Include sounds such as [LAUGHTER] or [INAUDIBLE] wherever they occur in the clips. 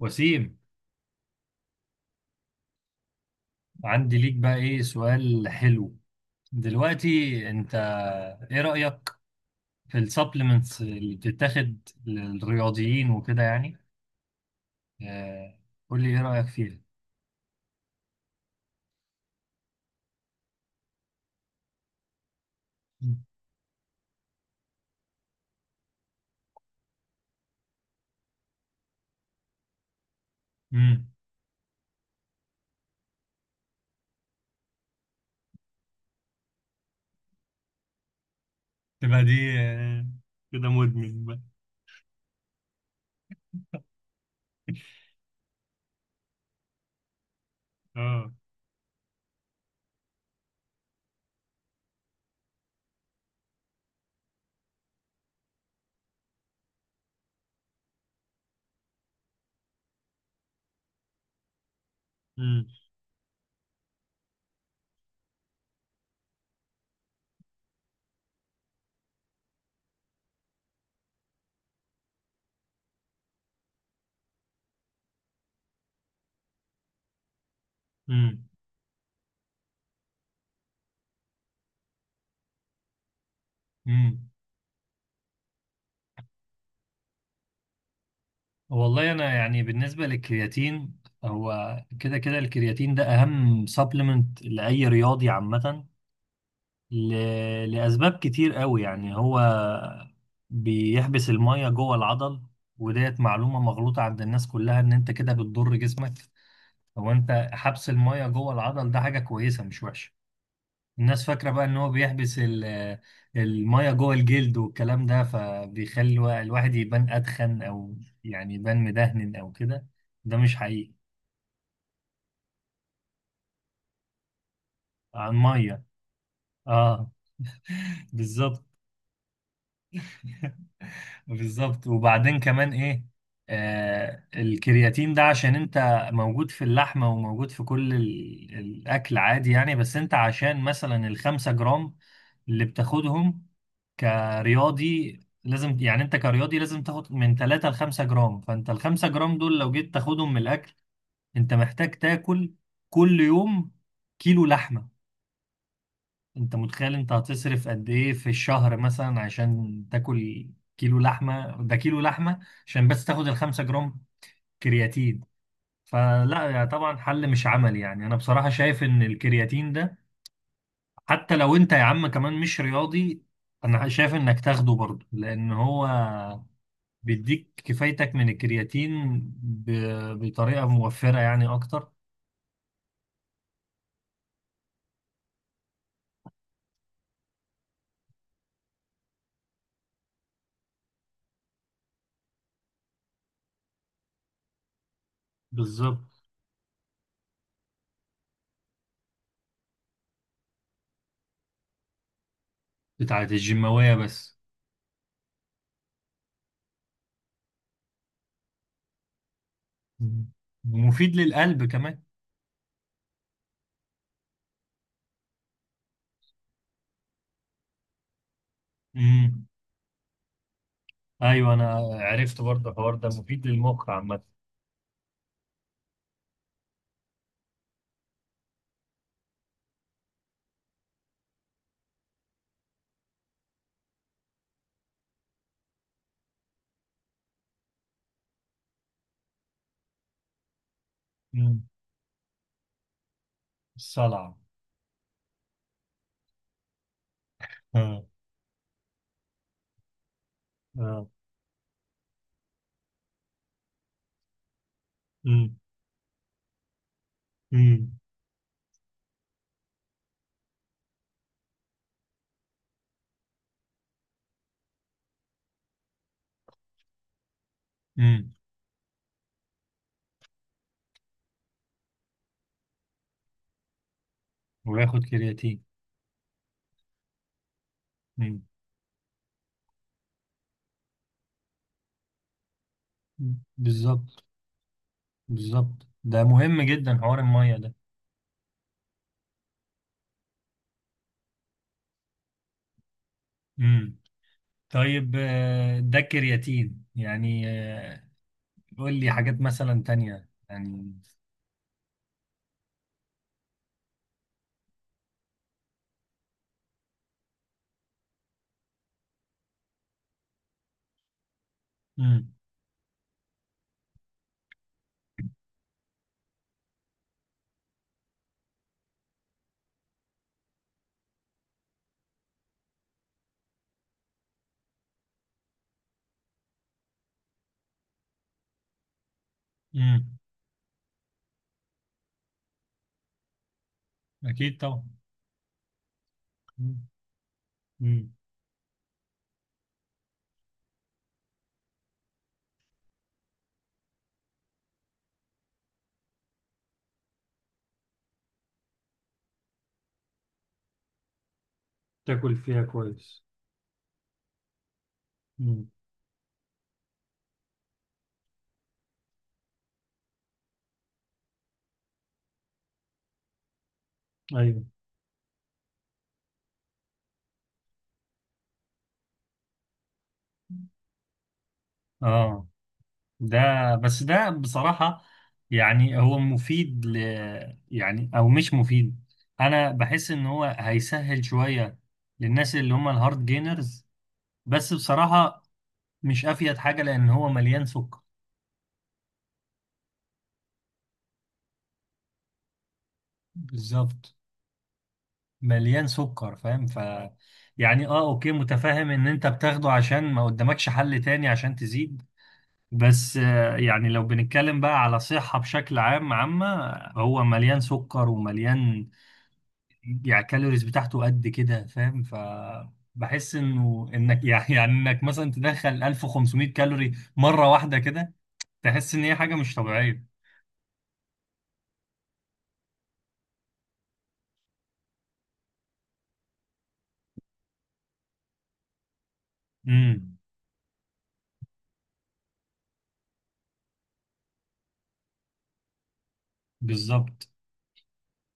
وسيم. عندي ليك بقى ايه سؤال حلو دلوقتي. انت ايه رأيك في السبلمنتس اللي بتتاخد للرياضيين وكده يعني؟ آه، قول لي ايه رأيك فيها. امم. تبقى دي كده مدمن بقى؟ اه. امم امم امم. والله انا يعني بالنسبة للكرياتين، هو كده كده الكرياتين ده اهم سبلمنت لأي رياضي عامة. ل... لأسباب كتير قوي، يعني هو بيحبس المية جوه العضل، وديت معلومة مغلوطة عند الناس كلها، إن أنت كده بتضر جسمك. هو أنت حبس المية جوه العضل ده حاجة كويسة، مش وحشة. الناس فاكرة بقى إن هو بيحبس المية جوه الجلد والكلام ده، فبيخلي الواحد يبان أدخن، أو يعني يبان مدهن أو كده. ده مش حقيقي. عن مية. اه، [LAUGHS] بالظبط. [LAUGHS] بالظبط. وبعدين كمان ايه، الكرياتين ده عشان انت موجود في اللحمة، وموجود في كل الاكل عادي يعني، بس انت عشان مثلا الخمسة جرام اللي بتاخدهم كرياضي، لازم يعني انت كرياضي لازم تاخد من 3 ل 5 جرام. فانت ال 5 جرام دول لو جيت تاخدهم من الاكل، انت محتاج تاكل كل يوم كيلو لحمة. انت متخيل انت هتصرف قد ايه في الشهر، مثلا عشان تاكل كيلو لحمه، ده كيلو لحمه عشان بس تاخد الخمسة جرام كرياتين؟ فلا، يا طبعا حل مش عملي. يعني انا بصراحه شايف ان الكرياتين ده حتى لو انت يا عم كمان مش رياضي، انا شايف انك تاخده برضه، لان هو بيديك كفايتك من الكرياتين بطريقه موفره يعني اكتر. بالظبط. بتاعت الجيماويه بس. مم. ومفيد للقلب كمان. ايوه، انا عرفت برضه الحوار ده مفيد للمخ عامه. مم. الصلع. اه، اه. مم. مم. مم. وياخد كرياتين. مم. مم. بالظبط. بالظبط، ده مهم جدا حوار الميه ده. مم. طيب آه، ده الكرياتين يعني. قول لي حاجات مثلا تانية يعني. مم. مم. اكيد طبعا. مم. مم. تاكل فيها كويس. مم. ايوه. اه، ده، بس ده بصراحة يعني هو مفيد يعني، أو مش مفيد. أنا بحس إن هو هيسهل شوية للناس اللي هم الهارد جينرز، بس بصراحة مش أفيد حاجة، لأن هو مليان سكر. بالظبط. مليان سكر فاهم. يعني أه أوكي، متفاهم إن أنت بتاخده عشان ما قدامكش حل تاني عشان تزيد، بس يعني لو بنتكلم بقى على صحة بشكل عام عامة، هو مليان سكر ومليان، يعني الكالوريز بتاعته قد كده فاهم. بحس انه انك [LAUGHS] يعني انك مثلا تدخل 1500 كالوري مره واحده كده، تحس ان هي حاجه مش طبيعيه. امم. بالظبط.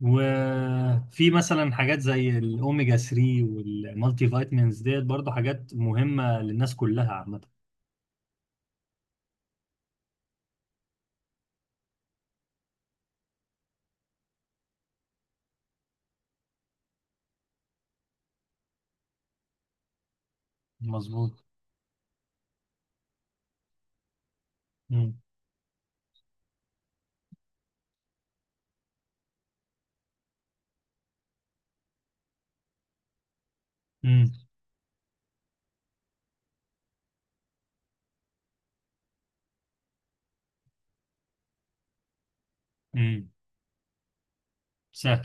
وفي مثلا حاجات زي الاوميجا 3 والمالتي فيتامينز ديت، برضو حاجات مهمه للناس كلها عامه. مظبوط. امم امم امم. سهل.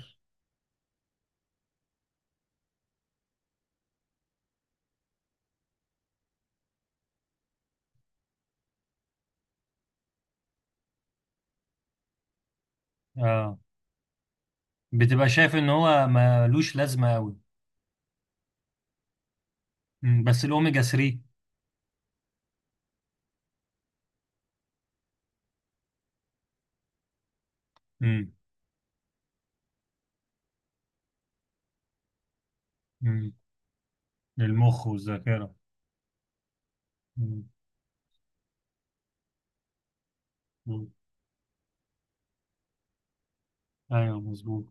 اه، بتبقى شايف ان هو ملوش لازمه قوي. مم. بس الاوميجا 3. امم امم. للمخ والذاكره. مم. مم. ايوه مظبوط.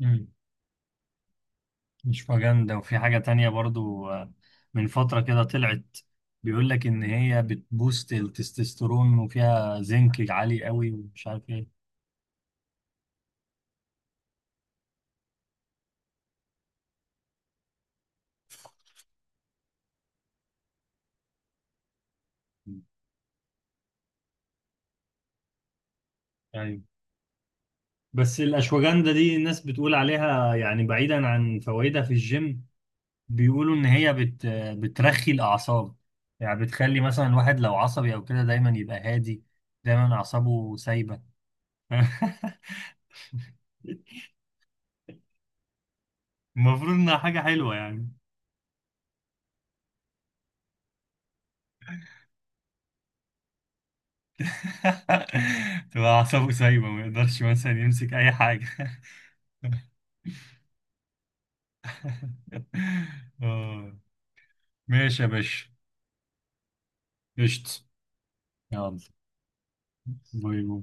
مم. مش فاجندا. وفي حاجة تانية برضو من فترة كده طلعت، بيقول لك ان هي بتبوست التستوستيرون، وفيها زنك عالي قوي ومش عارف ايه. مم. ايوه. بس الاشواجندا دي الناس بتقول عليها، يعني بعيدا عن فوائدها في الجيم، بيقولوا ان هي بترخي الاعصاب. يعني بتخلي مثلا الواحد لو عصبي او كده دايما يبقى هادي، دايما اعصابه سايبة. [LAUGHS] المفروض انها حاجة حلوة يعني. [LAUGHS] تبقى أعصابه سايبة، ما يقدرش مثلا يمسك أي حاجة. [LAUGHS] آه. ماشي يا باشا. قشطة. يلا. باي باي.